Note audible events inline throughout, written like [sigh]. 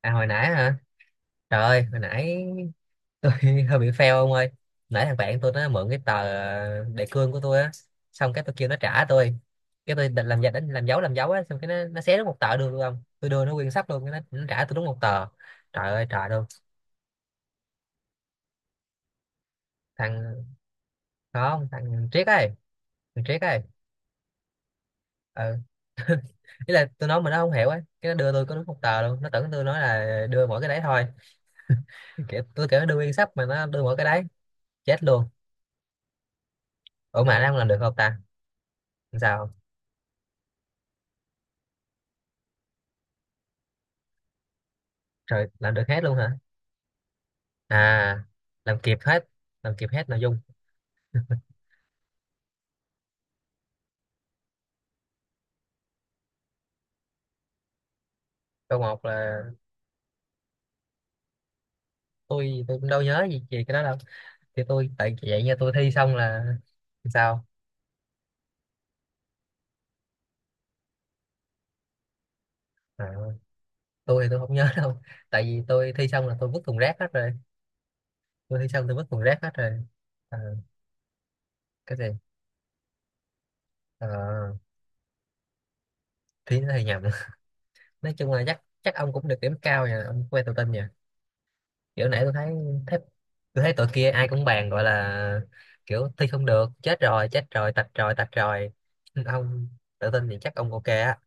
À hồi nãy hả? Trời ơi, hồi nãy tôi [laughs] hơi bị fail ông ơi. Nãy thằng bạn tôi nó mượn cái tờ đề cương của tôi á, xong cái tôi kêu nó trả tôi. Cái tôi định làm giả đánh làm dấu á, xong cái nó xé đúng một tờ đường luôn không? Tôi đưa nó nguyên sách luôn, cái nó trả tôi đúng một tờ. Trời ơi trời luôn. Thằng Không, thằng Triết ấy, thằng Triết ấy. Ừ. [laughs] Ý là tôi nói mà nó không hiểu ấy, cái nó đưa tôi có đúng một tờ luôn, nó tưởng tôi nói là đưa mỗi cái đấy thôi. [laughs] Kiểu, tôi kiểu nó đưa nguyên sách mà nó đưa mỗi cái đấy, chết luôn. Ủa mà nó không làm được không ta? Làm sao? Rồi làm được hết luôn hả? À, làm kịp hết, làm kịp hết nội dung. Câu một là tôi cũng đâu nhớ gì cái đó đâu. Thì tôi tại vậy nha, tôi thi xong là sao? À, tôi thì tôi không nhớ [laughs] đâu. Tại vì tôi thi xong là tôi vứt thùng rác hết rồi. Tôi thi xong tôi vứt thùng rác hết rồi. À, cái gì? À, thi nó hơi nhầm. [laughs] Nói chung là chắc chắc ông cũng được điểm cao nha, ông quay tự tin nha. Kiểu nãy tôi thấy thấy tôi thấy tụi kia ai cũng bàn gọi là kiểu thi không được, chết rồi chết rồi, tạch rồi tạch rồi. [laughs] Ông tự tin thì chắc ông ok á.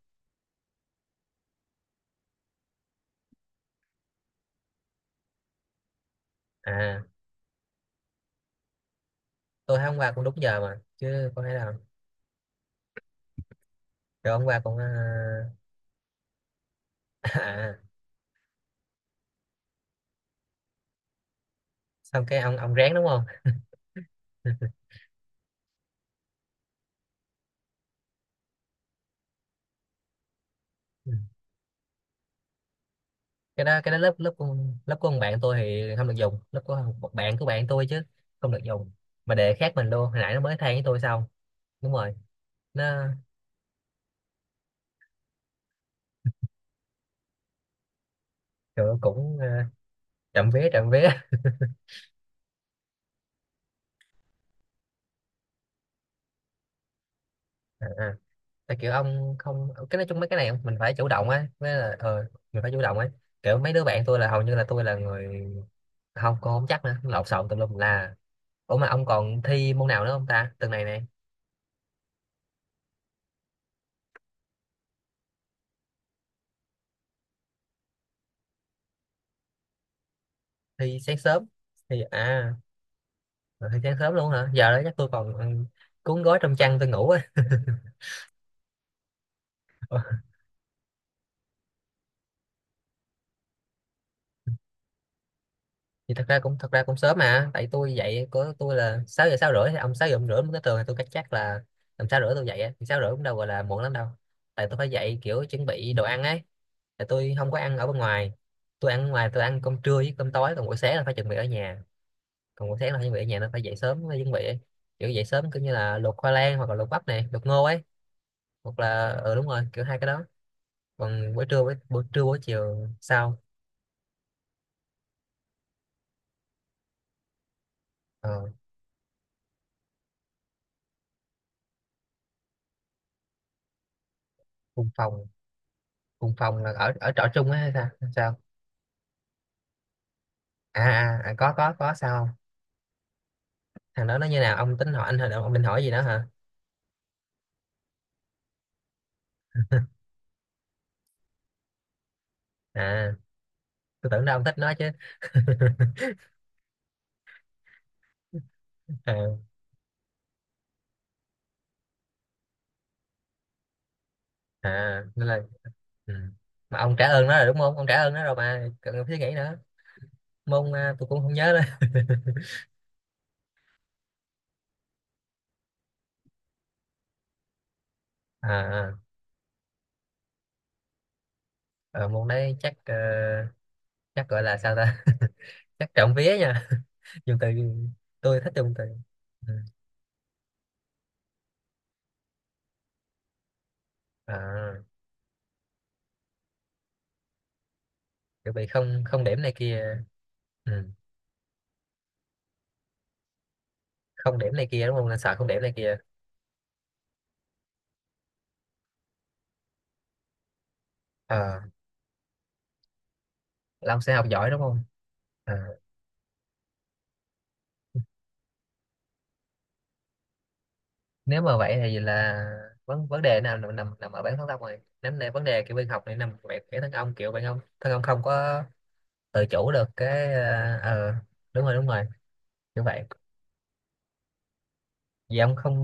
À, tôi thấy hôm qua cũng đúng giờ mà, chứ có thể nào. Rồi hôm qua cũng [laughs] à, xong cái ông ráng đúng không. [laughs] Ừ. Cái đó lớp lớp của ông bạn tôi thì không được dùng, lớp của một bạn của bạn tôi chứ không được dùng, mà đề khác mình luôn, hồi nãy nó mới than với tôi xong. Đúng rồi. Nó kiểu cũng trộm vía trộm vía. [laughs] À, tại kiểu ông không, cái nói chung mấy cái này mình phải chủ động á, với là mình phải chủ động ấy. Kiểu mấy đứa bạn tôi là hầu như là tôi là người không, cô không chắc nữa, lộn xộn tùm lum là. Ủa mà ông còn thi môn nào nữa không ta tuần này này? Thi sáng sớm thì à, rồi thi sáng sớm luôn hả, giờ đó chắc tôi còn cuốn gói trong chăn tôi ngủ á. [laughs] Thì thật ra cũng sớm mà, tại tôi dậy của tôi là 6 giờ sáu rưỡi, thì ông 6 giờ ông rưỡi mới tới trường thì tôi cách chắc là tầm 6 rưỡi tôi dậy á. Thì 6 rưỡi cũng đâu gọi là muộn lắm đâu, tại tôi phải dậy kiểu chuẩn bị đồ ăn ấy. Tại tôi không có ăn ở bên ngoài, tôi ăn ở ngoài tôi ăn cơm trưa với cơm tối, còn buổi sáng là phải chuẩn bị ở nhà, còn buổi sáng là phải chuẩn bị ở nhà nên phải dậy sớm mới chuẩn bị ấy. Kiểu dậy sớm cứ như là luộc khoai lang hoặc là luộc bắp này, luộc ngô ấy, hoặc là ừ đúng rồi kiểu hai cái đó. Còn buổi trưa buổi trưa buổi chiều sau ờ, cùng phòng. Cùng phòng là ở ở trọ chung ấy hay sao? Sao? À, à, à có, sao không, thằng đó nó như nào, ông tính hỏi anh hồi, ông định hỏi gì đó hả? [laughs] À, tôi tưởng đâu ông thích nó chứ. [laughs] À, à nên là ừ. Mà ông trả ơn nó rồi đúng không, ông trả ơn nó rồi mà cần phải nghĩ nữa. Môn à, tôi cũng không nhớ nữa. À à. Ờ, môn đấy chắc chắc gọi là sao ta? [laughs] Chắc trộm vía nha. [laughs] Dùng từ, tôi thích dùng từ. Ừ. À, kiểu bị không không điểm này kia. Ừ. Không điểm này kia đúng không, nên sợ không điểm này kia. Ờ, Long sẽ học giỏi đúng không? À, nếu mà vậy thì là vấn vấn đề nào nằm nằm nằm ở bản thân ông này. Nếu này vấn đề kiểu bên học này nằm về cái thân ông, kiểu bạn ông thân ông không có tự chủ được cái đúng rồi đúng rồi, như vậy. Vì ông không,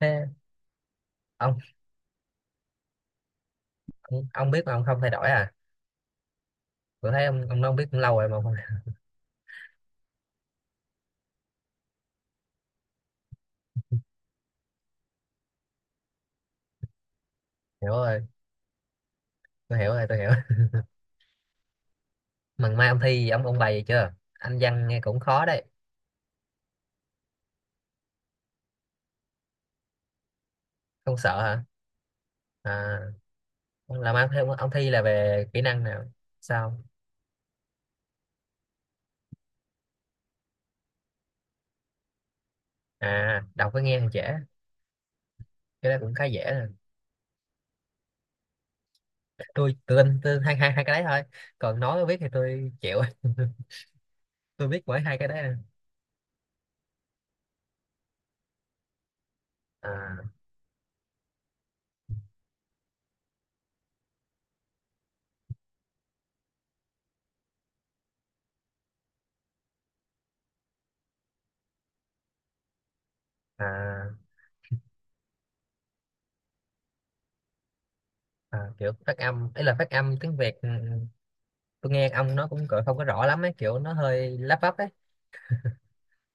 thế ông ông biết mà ông không thay đổi à, tôi thấy ông nói ông biết cũng lâu rồi mà không hiểu rồi. Tôi hiểu rồi, tôi hiểu. Mà mai ông thi ông bài gì chưa, anh văn nghe cũng khó đấy, không sợ hả? À, là mai ông thi là về kỹ năng nào? Sao? À, đọc với nghe thì dễ, cái đó cũng khá dễ nè. Tôi tự tin tôi, hai hai hai cái đấy thôi, còn nói viết thì tôi chịu. [laughs] Tôi biết mỗi hai cái đấy à, à, à, à, kiểu phát âm ấy, là phát âm tiếng Việt ừ, tôi nghe ông nó cũng cỡ không có rõ lắm ấy, kiểu nó hơi lắp bắp ấy.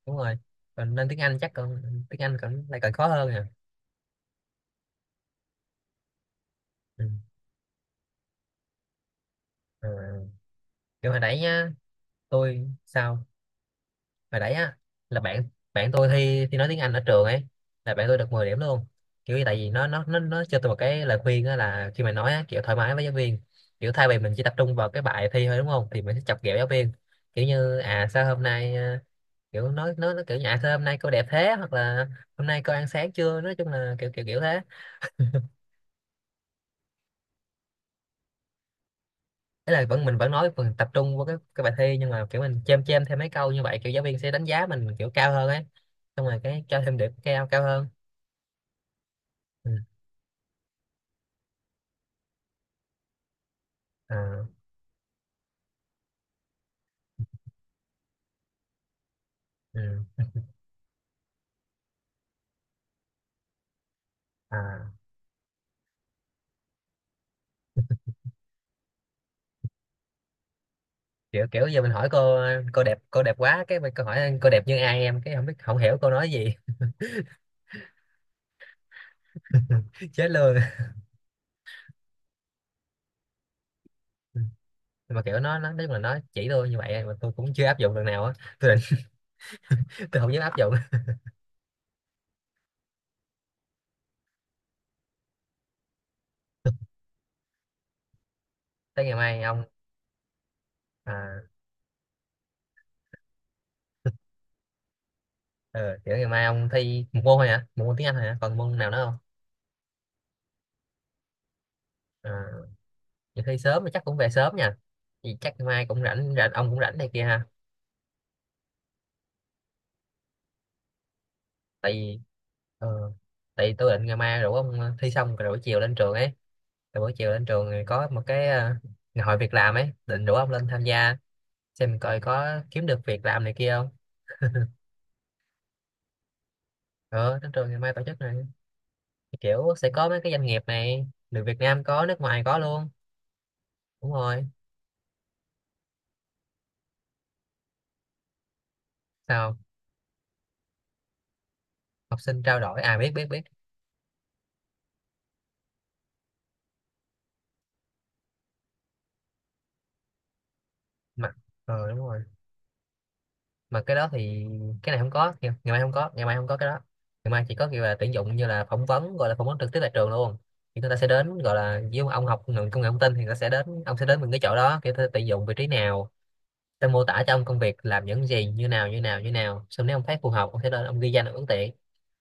Đúng rồi, còn nên tiếng Anh chắc còn, tiếng Anh còn lại còn khó hơn nè. Ừ. À, kiểu hồi nãy nhá, tôi sao, hồi đấy á là bạn bạn tôi thi, thi nói tiếng Anh ở trường ấy, là bạn tôi được 10 điểm luôn. Kiểu như tại vì nó cho tôi một cái lời khuyên á, là khi mà nói á, kiểu thoải mái với giáo viên, kiểu thay vì mình chỉ tập trung vào cái bài thi thôi đúng không, thì mình sẽ chọc ghẹo giáo viên, kiểu như à sao hôm nay à, kiểu nói nó kiểu như à sao hôm nay cô đẹp thế, hoặc là hôm nay cô ăn sáng chưa, nói chung là kiểu kiểu kiểu thế. Thế là vẫn mình vẫn nói, mình tập trung vào cái bài thi, nhưng mà kiểu mình chêm chêm thêm mấy câu như vậy, kiểu giáo viên sẽ đánh giá mình kiểu cao hơn ấy, xong rồi cái cho thêm điểm cao cao hơn. Ừ. À. Ừ. À, kiểu kiểu giờ mình hỏi cô, cô đẹp quá, cái mình cô hỏi cô đẹp như ai em, cái không biết không hiểu cô nói gì. [laughs] Chết luôn. Ừ. Mà kiểu nó nói chung là nó chỉ tôi như vậy mà tôi cũng chưa áp dụng lần nào á, tôi định [laughs] tôi không dám áp dụng tới ngày mai ông. À ừ, kiểu ngày mai ông thi một môn thôi hả, một môn tiếng Anh thôi hả, còn môn nào nữa không? À, vậy thi sớm thì chắc cũng về sớm nha, thì chắc ngày mai cũng rảnh, rảnh ông cũng rảnh này kia ha. Tại vì ờ, tại vì tôi định ngày mai rủ ông thi xong rồi buổi chiều lên trường ấy. Rồi buổi chiều lên trường thì có một cái ngày hội việc làm ấy, định rủ ông lên tham gia, xem coi có kiếm được việc làm này kia không. Ờ, đến trường ngày mai tổ chức này. Thì kiểu sẽ có mấy cái doanh nghiệp này, được Việt Nam có nước ngoài có luôn. Đúng rồi. Sao, học sinh trao đổi à, biết biết biết. Mà ờ đúng rồi, mà cái đó thì, cái này không có ngày mai không có, ngày mai không có cái đó. Ngày mai chỉ có kiểu là tuyển dụng, như là phỏng vấn, gọi là phỏng vấn trực tiếp tại trường luôn. Thì người ta sẽ đến, gọi là với ông học ngành công nghệ thông tin thì người ta sẽ đến ông, sẽ đến mình cái chỗ đó kiểu ta tuyển dụng vị trí nào, tôi mô tả cho ông công việc làm những gì như nào như nào như nào, xong nếu ông thấy phù hợp ông sẽ lên ông ghi danh ông ứng tuyển,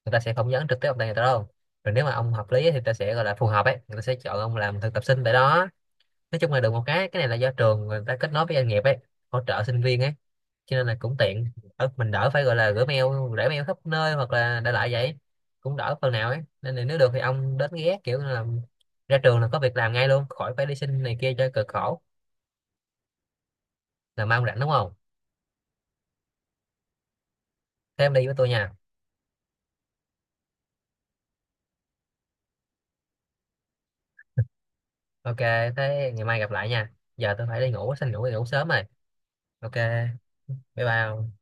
người ta sẽ phỏng vấn trực tiếp ông tại người ta đâu, rồi nếu mà ông hợp lý thì người ta sẽ gọi là phù hợp ấy, người ta sẽ chọn ông làm thực tập sinh tại đó. Nói chung là được một cái này là do trường người ta kết nối với doanh nghiệp ấy, hỗ trợ sinh viên ấy, cho nên là cũng tiện. Ờ, mình đỡ phải gọi là gửi mail, để mail khắp nơi hoặc là đại loại vậy, cũng đỡ phần nào ấy, nên là nếu được thì ông đến ghé, kiểu là ra trường là có việc làm ngay luôn, khỏi phải đi xin này kia cho cực khổ. Là mong rảnh đúng không? Thế em đi với tôi nha. Ok, thế ngày mai gặp lại nha, giờ tôi phải đi ngủ, xin ngủ đi ngủ sớm rồi. Ok, bye bye.